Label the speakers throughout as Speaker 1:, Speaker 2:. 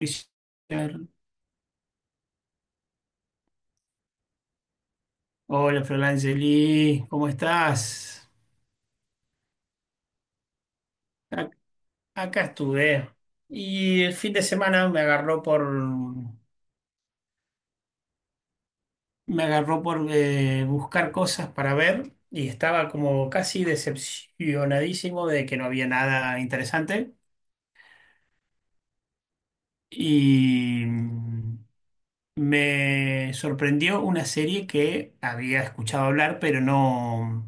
Speaker 1: Fisher. Hola, Florangeli, ¿cómo estás? A- Acá estuve. Y el fin de semana me agarró me agarró por buscar cosas para ver y estaba como casi decepcionadísimo de que no había nada interesante. Y mm, Me sorprendió una serie que había escuchado hablar, pero no,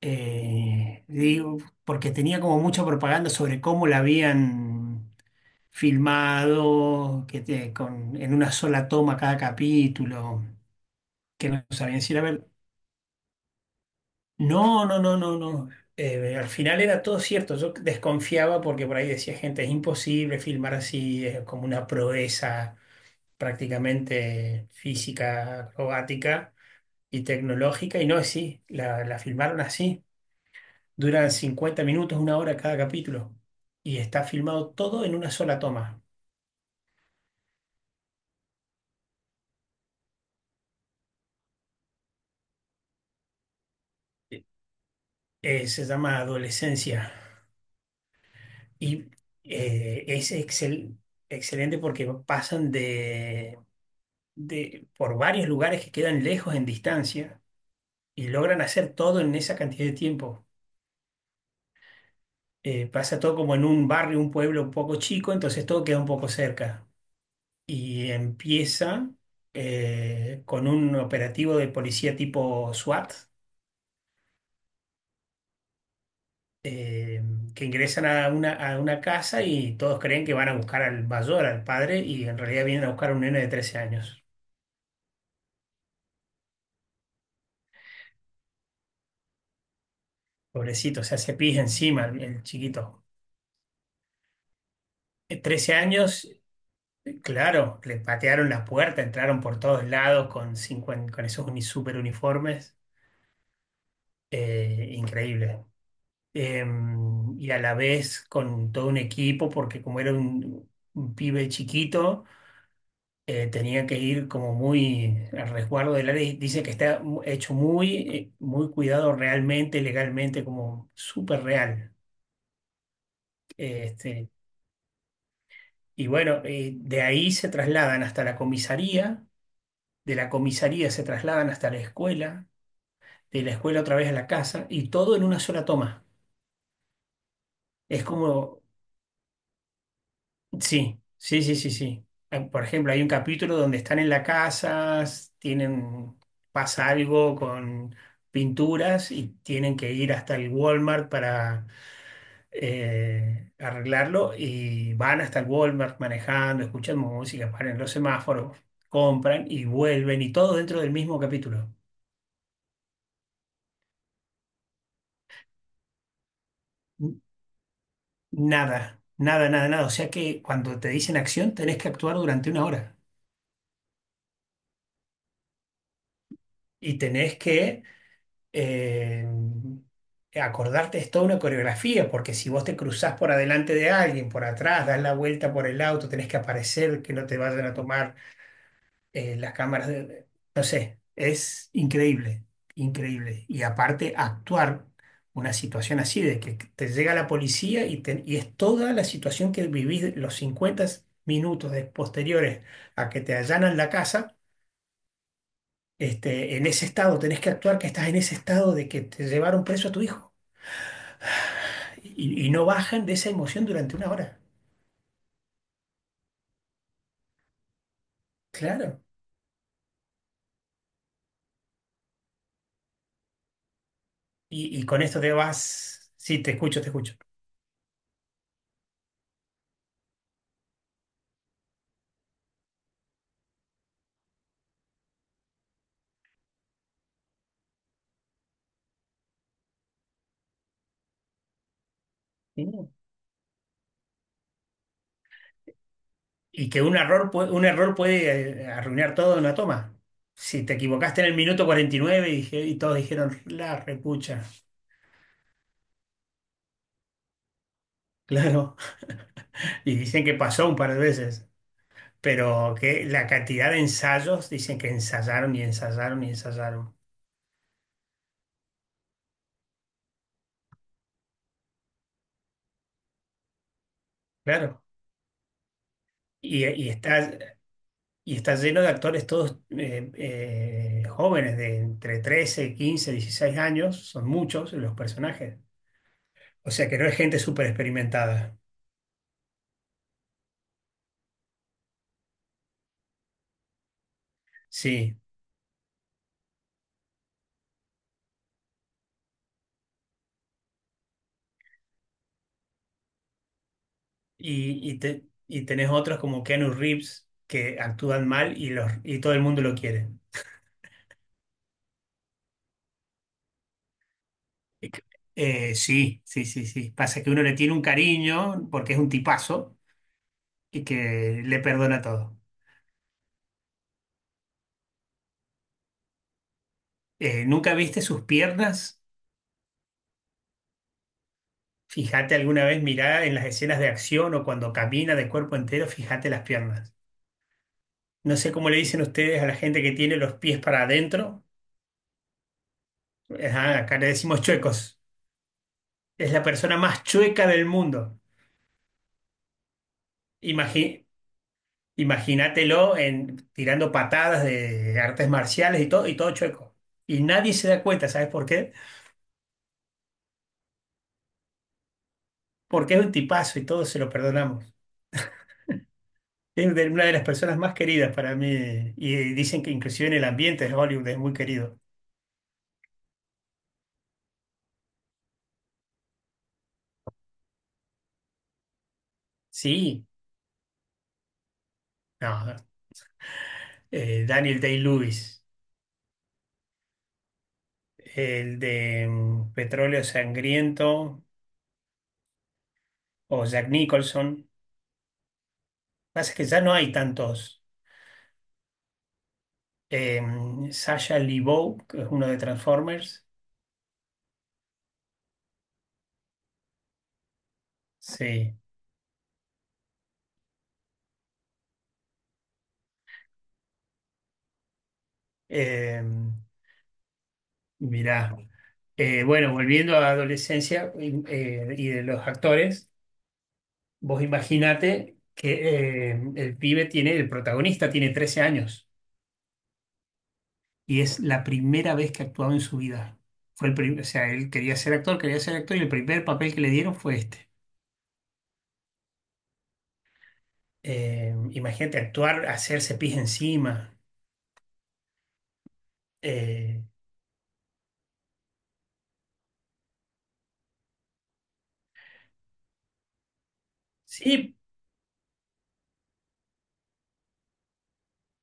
Speaker 1: digo, porque tenía como mucha propaganda sobre cómo la habían filmado, en una sola toma cada capítulo, que no sabían decir, a ver, no, no, no, no, no. Al final era todo cierto, yo desconfiaba porque por ahí decía gente, es imposible filmar así, es como una proeza prácticamente física, acrobática y tecnológica, y no es así, la filmaron así, duran 50 minutos, una hora cada capítulo, y está filmado todo en una sola toma. Se llama Adolescencia. Y es excelente porque pasan por varios lugares que quedan lejos en distancia y logran hacer todo en esa cantidad de tiempo. Pasa todo como en un barrio, un pueblo un poco chico, entonces todo queda un poco cerca. Y empieza con un operativo de policía tipo SWAT. eh, que ingresan a a una casa y todos creen que van a buscar al mayor, al padre, y en realidad vienen a buscar a un nene de 13 años. Pobrecito, o sea, se pis encima el chiquito. 13 años, claro, le patearon la puerta, entraron por todos lados con, 50 con super uniformes. Increíble. Y a la vez con todo un equipo, porque como era un pibe chiquito, tenía que ir como muy al resguardo del área. Y dice que está hecho muy, muy cuidado realmente, legalmente, como súper real. Este, Y bueno, de ahí se trasladan hasta la comisaría, de la comisaría se trasladan hasta la escuela, de la escuela otra vez a la casa y todo en una sola toma. Es como, sí, sí, sí, sí, sí. Ah, por ejemplo, hay un capítulo donde están en la casa, tienen, pasa algo con pinturas y tienen que ir hasta el Walmart para arreglarlo y van hasta el Walmart manejando, escuchan música, paran en los semáforos, compran y vuelven y todo dentro del mismo capítulo. N- Nada, nada, nada, nada. O sea que cuando te dicen acción tenés que actuar durante una hora y tenés que eh, acordarte, es toda una coreografía, porque si vos te cruzás por adelante de alguien, por atrás, das la vuelta por el auto, tenés que aparecer, que no te vayan a tomar eh, las cámaras de, no sé, es increíble, increíble. Y aparte, actuar una situación así, de que te llega la policía y es toda la situación que vivís los 50 minutos posteriores a que te allanan la casa, este, en ese estado, tenés que actuar que estás en ese estado de que te llevaron preso a tu hijo. Y no bajan de esa emoción durante una hora. Claro. Y con esto te vas, sí, te escucho, te escucho. Y que un error, un error puede arruinar todo en una toma. Si te equivocaste en el minuto y todos dijeron, la repucha, claro. Y dicen que pasó un par de veces. Pero que la cantidad de ensayos, dicen que ensayaron y ensayaron y ensayaron. Claro. Y, y está, y está lleno de actores todos jóvenes, de entre 13, 15, 16 años. Son muchos los personajes. O sea que no es gente súper experimentada. Sí. Y tenés otros como Keanu Reeves que actúan mal y todo el mundo lo quiere. Sí, sí, sí, sí. Pasa que uno le tiene un cariño porque es un tipazo y que le perdona todo. ¿Nunca viste sus piernas? Fíjate alguna vez, mirá en las escenas de acción o cuando camina de cuerpo entero, fíjate las piernas. No sé cómo le dicen ustedes a la gente que tiene los pies para adentro. Ajá, acá le decimos chuecos. Es la persona más chueca del mundo. Imagi- Imagínatelo en, tirando patadas de artes marciales y todo chueco. Y nadie se da cuenta, ¿sabes por qué? Porque es un tipazo y todos se lo perdonamos. Una de las personas más queridas para mí. Y dicen que inclusive en el ambiente de Hollywood es muy querido. Sí, no. Daniel Day-Lewis, el de Petróleo Sangriento o Jack Nicholson. Pasa que ya no hay tantos. Sasha Sasha Lebeau, que es uno de Transformers. Sí. Eh, mirá, bueno, volviendo a la adolescencia y de los actores, vos imaginate que el protagonista tiene 13 años y es la primera vez que actuaba en su vida. O sea, él quería ser actor y el primer papel que le dieron fue este. Imagínate actuar, hacerse pis encima. Eh, sí,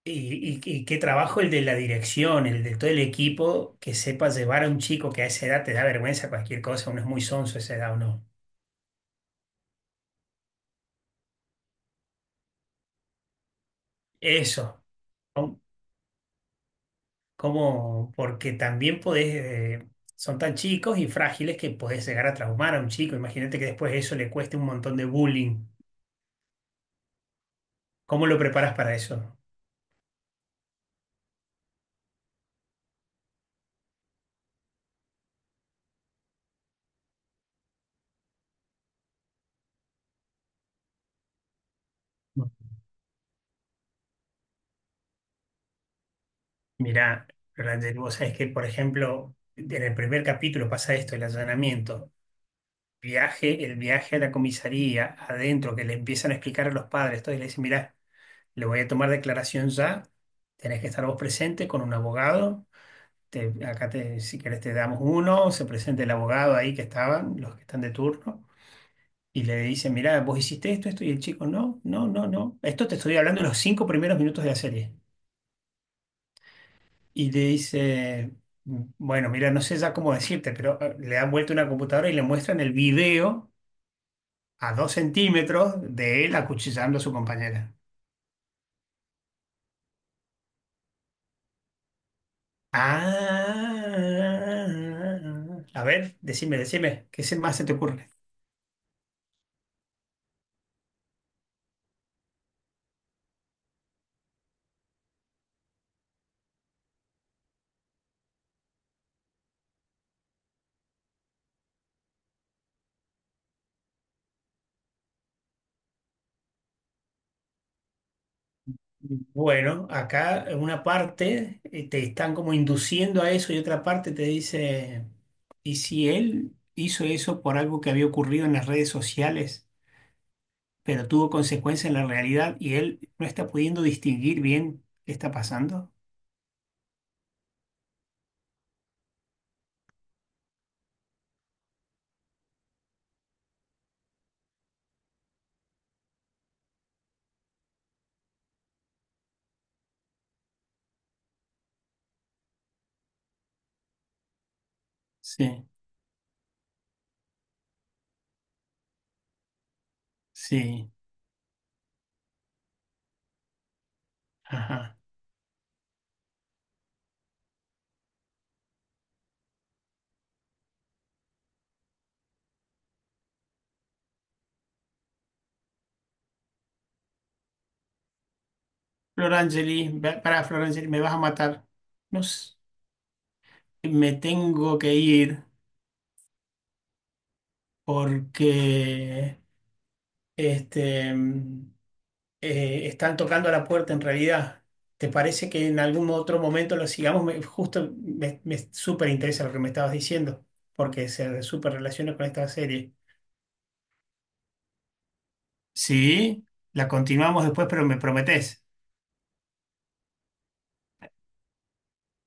Speaker 1: Y qué trabajo el de la dirección, el de todo el equipo que sepa llevar a un chico que a esa edad te da vergüenza cualquier cosa, uno es muy sonso a esa edad o no. Eso, ¿no? Como porque también podés, eh, son tan chicos y frágiles que podés llegar a traumar a un chico. Imagínate que después eso le cueste un montón de bullying. ¿Cómo lo preparas para eso? Mirá, Roland, vos sabés que, por ejemplo, en el primer capítulo pasa esto, el allanamiento. El viaje a la comisaría, adentro, que le empiezan a explicar a los padres, todo, y le dicen, mirá, le voy a tomar declaración ya, tenés que estar vos presente con un abogado, acá te, si querés te damos uno, se presenta el abogado ahí que estaban, los que están de turno, y le dicen, mirá, vos hiciste esto, esto, y el chico, no, no, no, no, esto te estoy hablando en los 5 primeros minutos de la serie. Y le dice... Bueno, mira, no sé ya cómo decirte, pero le han vuelto una computadora y le muestran el video a 2 centímetros de él acuchillando a su compañera. Ah, a ver, decime, decime, ¿más se te ocurre? Bueno, acá en una parte te están como induciendo a eso y otra parte te dice, ¿y si él hizo eso por algo que había ocurrido en las redes sociales, pero tuvo consecuencias en la realidad y él no está pudiendo distinguir bien qué está pasando? Sí, sí, ajá. Florangeli, pará, Florangeli, me vas a matar. No s- Me tengo que ir porque este, mm, están tocando a la puerta en realidad. ¿Te parece que en algún otro momento lo sigamos? Justo me súper interesa lo que me estabas diciendo, porque se súper relaciona con esta serie. Sí, la continuamos después, pero me prometés.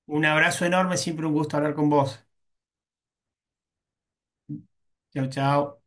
Speaker 1: Un abrazo enorme, siempre un gusto hablar con vos. Chau, chau.